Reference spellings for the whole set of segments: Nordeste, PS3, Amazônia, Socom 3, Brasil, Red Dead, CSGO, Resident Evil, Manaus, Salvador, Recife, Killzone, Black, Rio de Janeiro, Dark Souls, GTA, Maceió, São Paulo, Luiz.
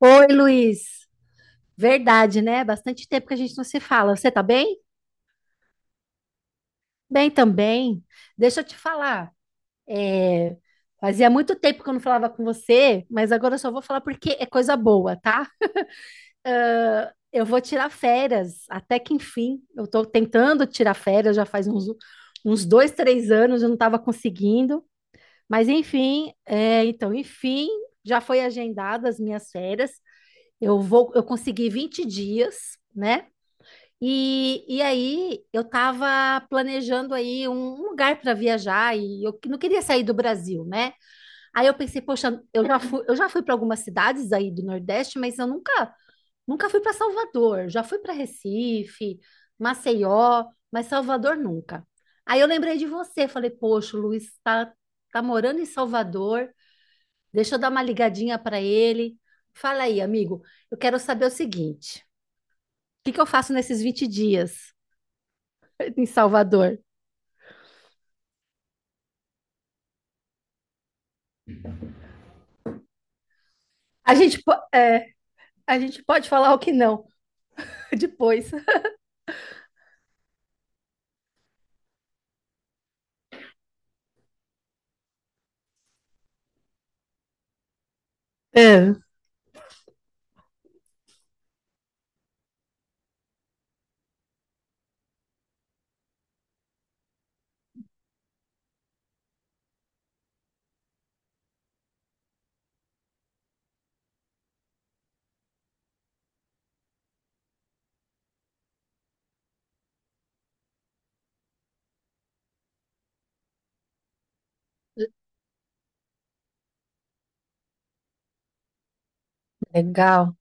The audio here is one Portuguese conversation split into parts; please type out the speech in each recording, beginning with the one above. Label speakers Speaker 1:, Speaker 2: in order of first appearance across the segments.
Speaker 1: Oi, Luiz. Verdade, né? Bastante tempo que a gente não se fala. Você tá bem? Bem também. Deixa eu te falar. é, Fazia muito tempo que eu não falava com você, mas agora eu só vou falar porque é coisa boa, tá? Ah, eu vou tirar férias, até que enfim. Eu tô tentando tirar férias já faz uns dois, três anos, eu não estava conseguindo. Mas enfim, já foi agendadas as minhas férias. Eu consegui 20 dias, né? E aí eu estava planejando aí um lugar para viajar e eu não queria sair do Brasil, né? Aí eu pensei, poxa, eu já fui para algumas cidades aí do Nordeste, mas eu nunca fui para Salvador. Já fui para Recife, Maceió, mas Salvador nunca. Aí eu lembrei de você, falei, poxa, o Luiz está tá tá morando em Salvador, deixa eu dar uma ligadinha para ele. Fala aí, amigo, eu quero saber o seguinte, o que que eu faço nesses 20 dias? Em Salvador. A gente, é, a gente pode falar o que não depois. É. Legal.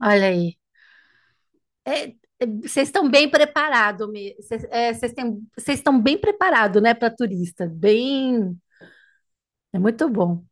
Speaker 1: Olha aí. É, vocês estão bem preparados, vocês é, vocês têm- vocês estão bem preparados, né, para turista. Bem, é muito bom.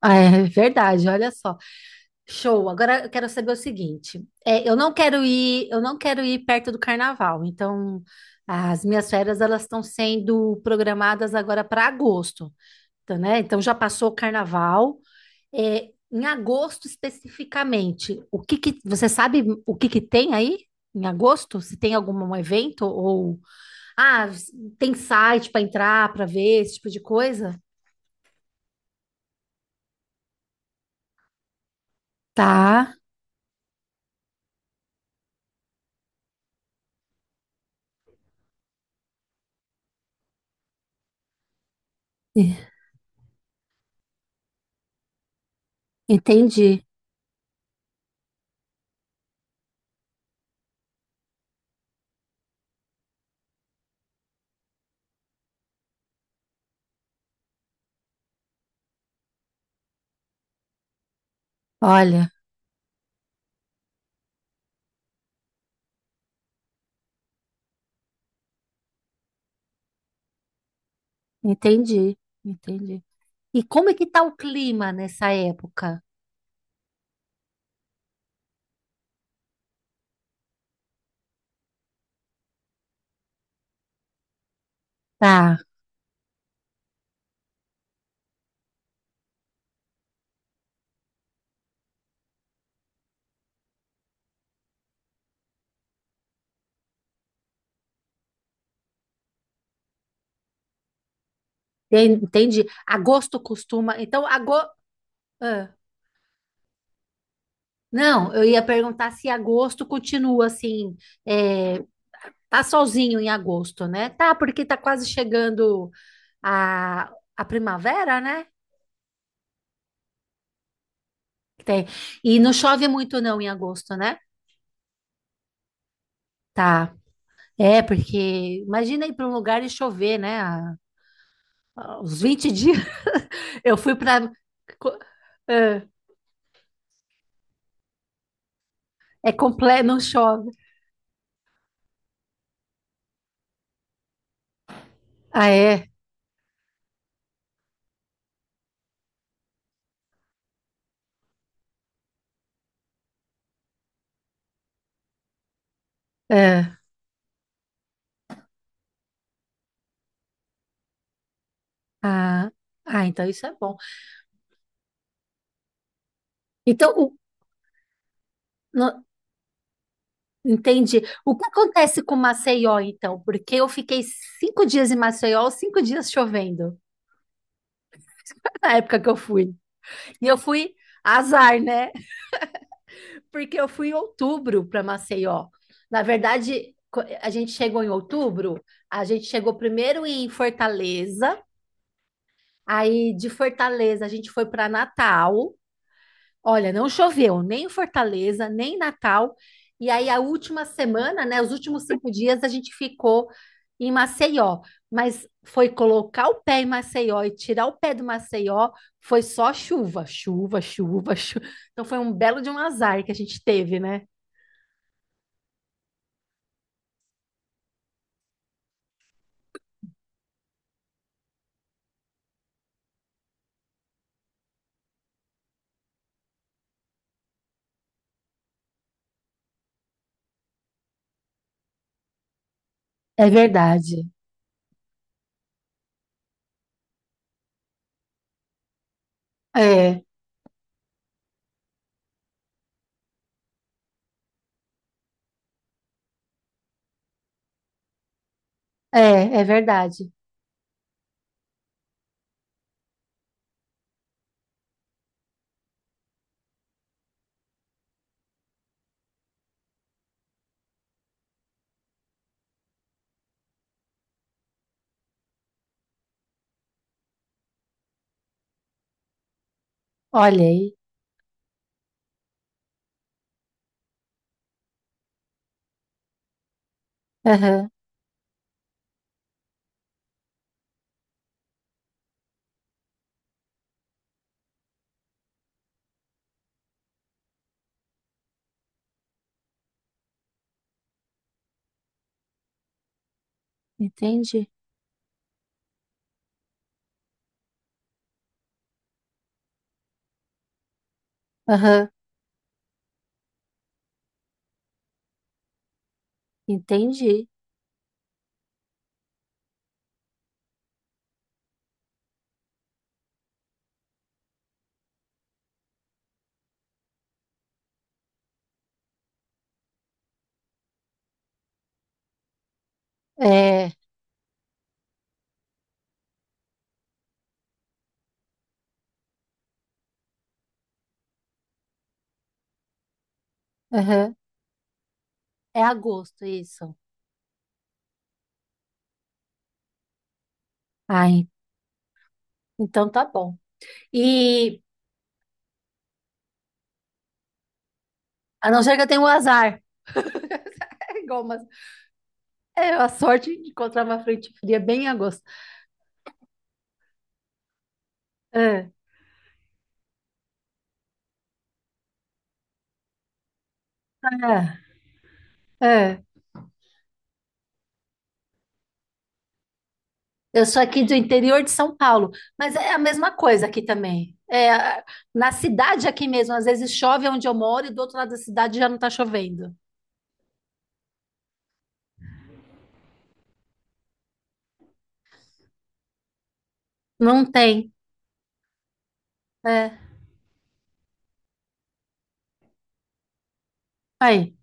Speaker 1: Ah, é verdade, olha só. Show. Agora eu quero saber o seguinte. É, eu não quero ir perto do carnaval. Então, as minhas férias elas estão sendo programadas agora para agosto, tá, né? Então já passou o carnaval. É, em agosto especificamente, o que que você sabe, o que que tem aí em agosto? Se tem algum evento, ou ah, tem site para entrar para ver esse tipo de coisa? Tá, e- entendi. Olha, entendi, entendi. E como é que tá o clima nessa época? Tá, entendi. Agosto costuma. Então, agosto. Não, eu ia perguntar se agosto continua assim, é, tá solzinho em agosto, né? Tá, porque tá quase chegando a, a primavera, né? Que tem. E não chove muito não em agosto, né? Tá. É, porque imagina ir para um lugar e chover, né? Os 20 dias eu fui para é, é completo, não chove. Ah, é? É. Ah, ah, então isso é bom. Então, o, no- Entendi. O que acontece com Maceió, então? Porque eu fiquei 5 dias em Maceió, 5 dias chovendo, na época que eu fui. E eu fui, azar, né? Porque eu fui em outubro para Maceió. Na verdade, a gente chegou em outubro, a gente chegou primeiro em Fortaleza, aí de Fortaleza a gente foi para Natal. Olha, não choveu nem em Fortaleza, nem em Natal. E aí, a última semana, né? Os últimos 5 dias, a gente ficou em Maceió. Mas foi colocar o pé em Maceió e tirar o pé do Maceió, foi só chuva, chuva, chuva, chuva. Então, foi um belo de um azar que a gente teve, né? É verdade. É, é verdade. Olha aí. Aham, entendi. Aham, entendi. É, aham. É agosto, isso. Ai, então tá bom. E a não ser que eu tenha um azar. É igual, mas é a sorte de encontrar uma frente fria bem em agosto. É, é, é. Eu sou aqui do interior de São Paulo, mas é a mesma coisa aqui também. Na cidade aqui mesmo, às vezes chove onde eu moro e do outro lado da cidade já não tá chovendo. Não tem. É. Aí,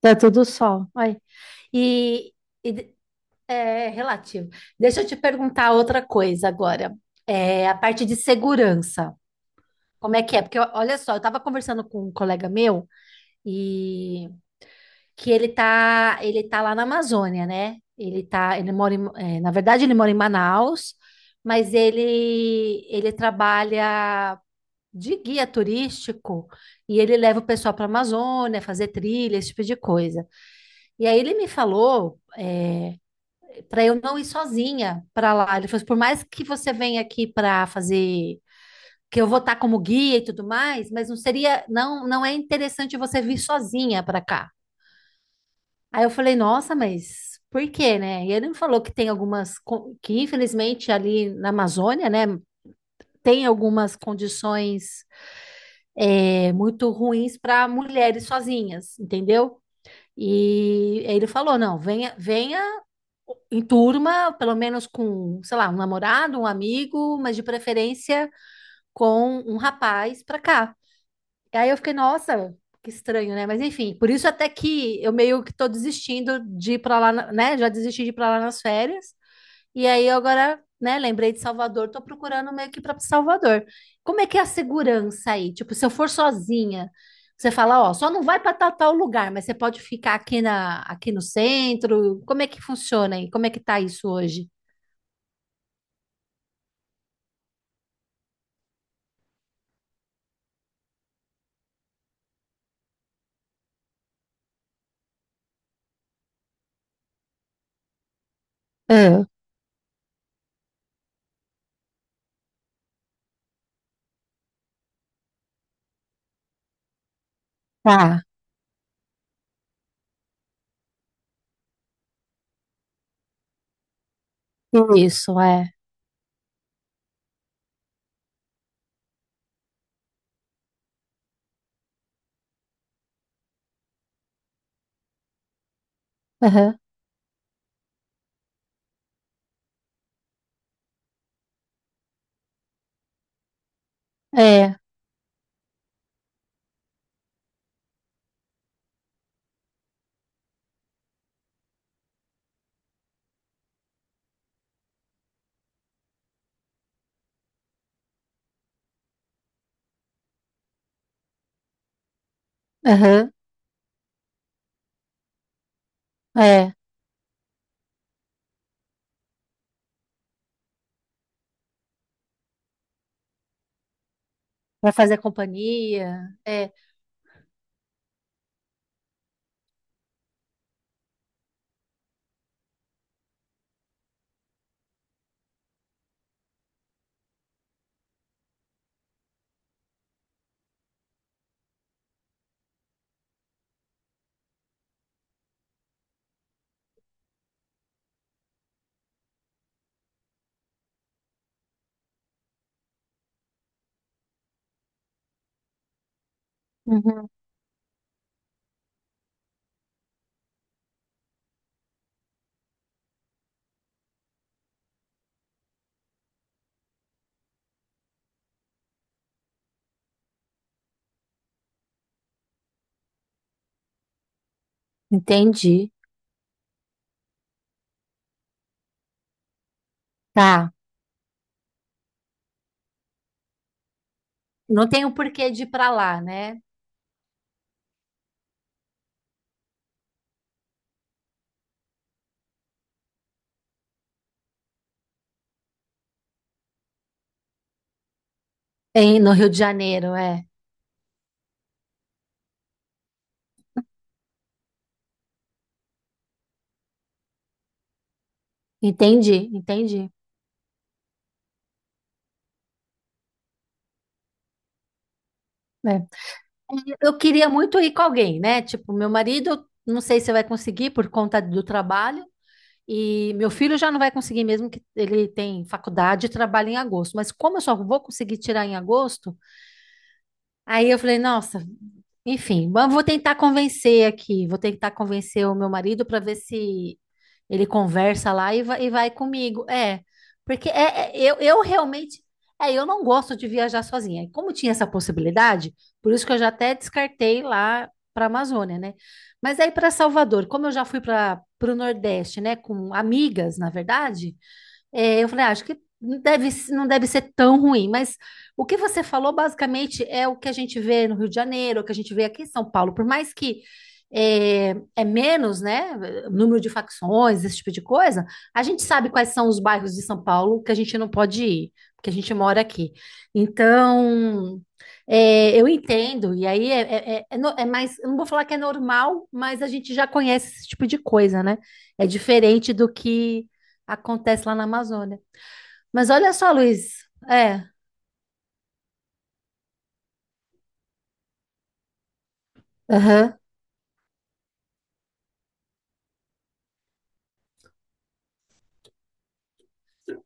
Speaker 1: tá tudo sol. Aí. E, e de- É relativo. Deixa eu te perguntar outra coisa agora. É a parte de segurança. Como é que é? Porque ó, olha só, eu tava conversando com um colega meu e ele tá lá na Amazônia, né? Ele mora em, na verdade ele mora em Manaus, mas ele trabalha de guia turístico e ele leva o pessoal para a Amazônia fazer trilha, esse tipo de coisa. E aí ele me falou, para eu não ir sozinha para lá. Ele falou, assim, por mais que você venha aqui para fazer, que eu vou estar como guia e tudo mais, mas não seria, não, não é interessante você vir sozinha para cá. Aí eu falei, nossa, mas por quê, né? E ele me falou que tem que infelizmente ali na Amazônia, né, tem algumas condições muito ruins para mulheres sozinhas, entendeu? E aí ele falou, não, venha, venha em turma, pelo menos com, sei lá, um namorado, um amigo, mas de preferência com um rapaz para cá. E aí eu fiquei, nossa, que estranho, né? Mas enfim, por isso até que eu meio que tô desistindo de ir pra lá, né? Já desisti de ir pra lá nas férias. E aí eu agora, né, lembrei de Salvador, tô procurando meio que ir pra Salvador. Como é que é a segurança aí? Tipo, se eu for sozinha, você fala, ó, só não vai pra tal, tal lugar, mas você pode ficar aqui aqui no centro. Como é que funciona aí? Como é que tá isso hoje? Ah, tá, isso, é. Aham, é, aham, é. Vai fazer companhia? Uhum. Entendi. Tá. Não tem o porquê de ir pra lá, né? No Rio de Janeiro, é. Entendi, entendi. É. Eu queria muito ir com alguém, né? Tipo, meu marido, eu não sei se vai conseguir por conta do trabalho. E meu filho já não vai conseguir mesmo, que ele tem faculdade e trabalha em agosto. Mas como eu só vou conseguir tirar em agosto, aí eu falei, nossa, enfim, mas vou tentar convencer aqui, vou tentar convencer o meu marido para ver se ele conversa lá e vai comigo. É, porque eu realmente, é, eu não gosto de viajar sozinha. E como tinha essa possibilidade, por isso que eu já até descartei lá para a Amazônia, né? Mas aí para Salvador, como eu já fui para o Nordeste, né, com amigas, na verdade, é, eu falei, "Ah, acho que não deve ser tão ruim", mas o que você falou basicamente é o que a gente vê no Rio de Janeiro, o que a gente vê aqui em São Paulo, por mais que é menos, né, número de facções, esse tipo de coisa, a gente sabe quais são os bairros de São Paulo que a gente não pode ir, porque a gente mora aqui. Então, é, eu entendo, e aí é mais, eu não vou falar que é normal, mas a gente já conhece esse tipo de coisa, né? É diferente do que acontece lá na Amazônia. Mas olha só, Luiz, é, aham.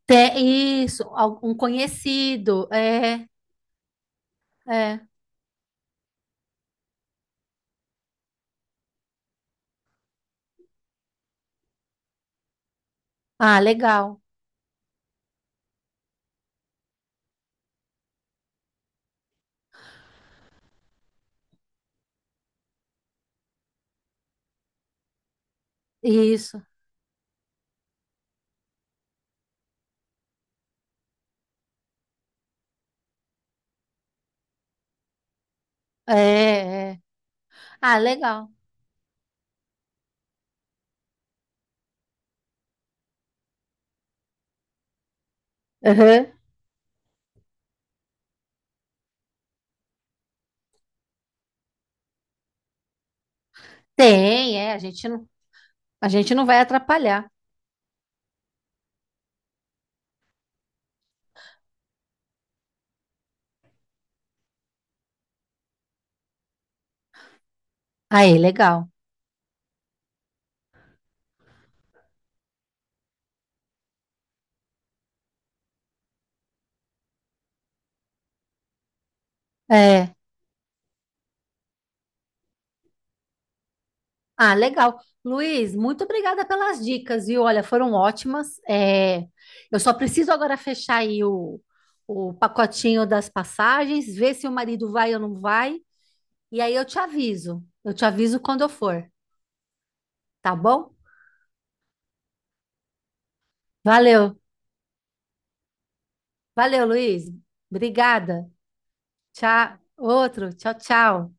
Speaker 1: Tem isso, algum conhecido, é, é. Ah, legal, isso, é, é. Ah, legal. Aham. Tem, é, a gente não vai atrapalhar. Aí, legal. É. Ah, legal. Luiz, muito obrigada pelas dicas, viu? Olha, foram ótimas. É, eu só preciso agora fechar aí o pacotinho das passagens, ver se o marido vai ou não vai. E aí eu te aviso. Quando eu for, tá bom? Valeu. Valeu, Luiz. Obrigada. Tchau. Outro. Tchau, tchau.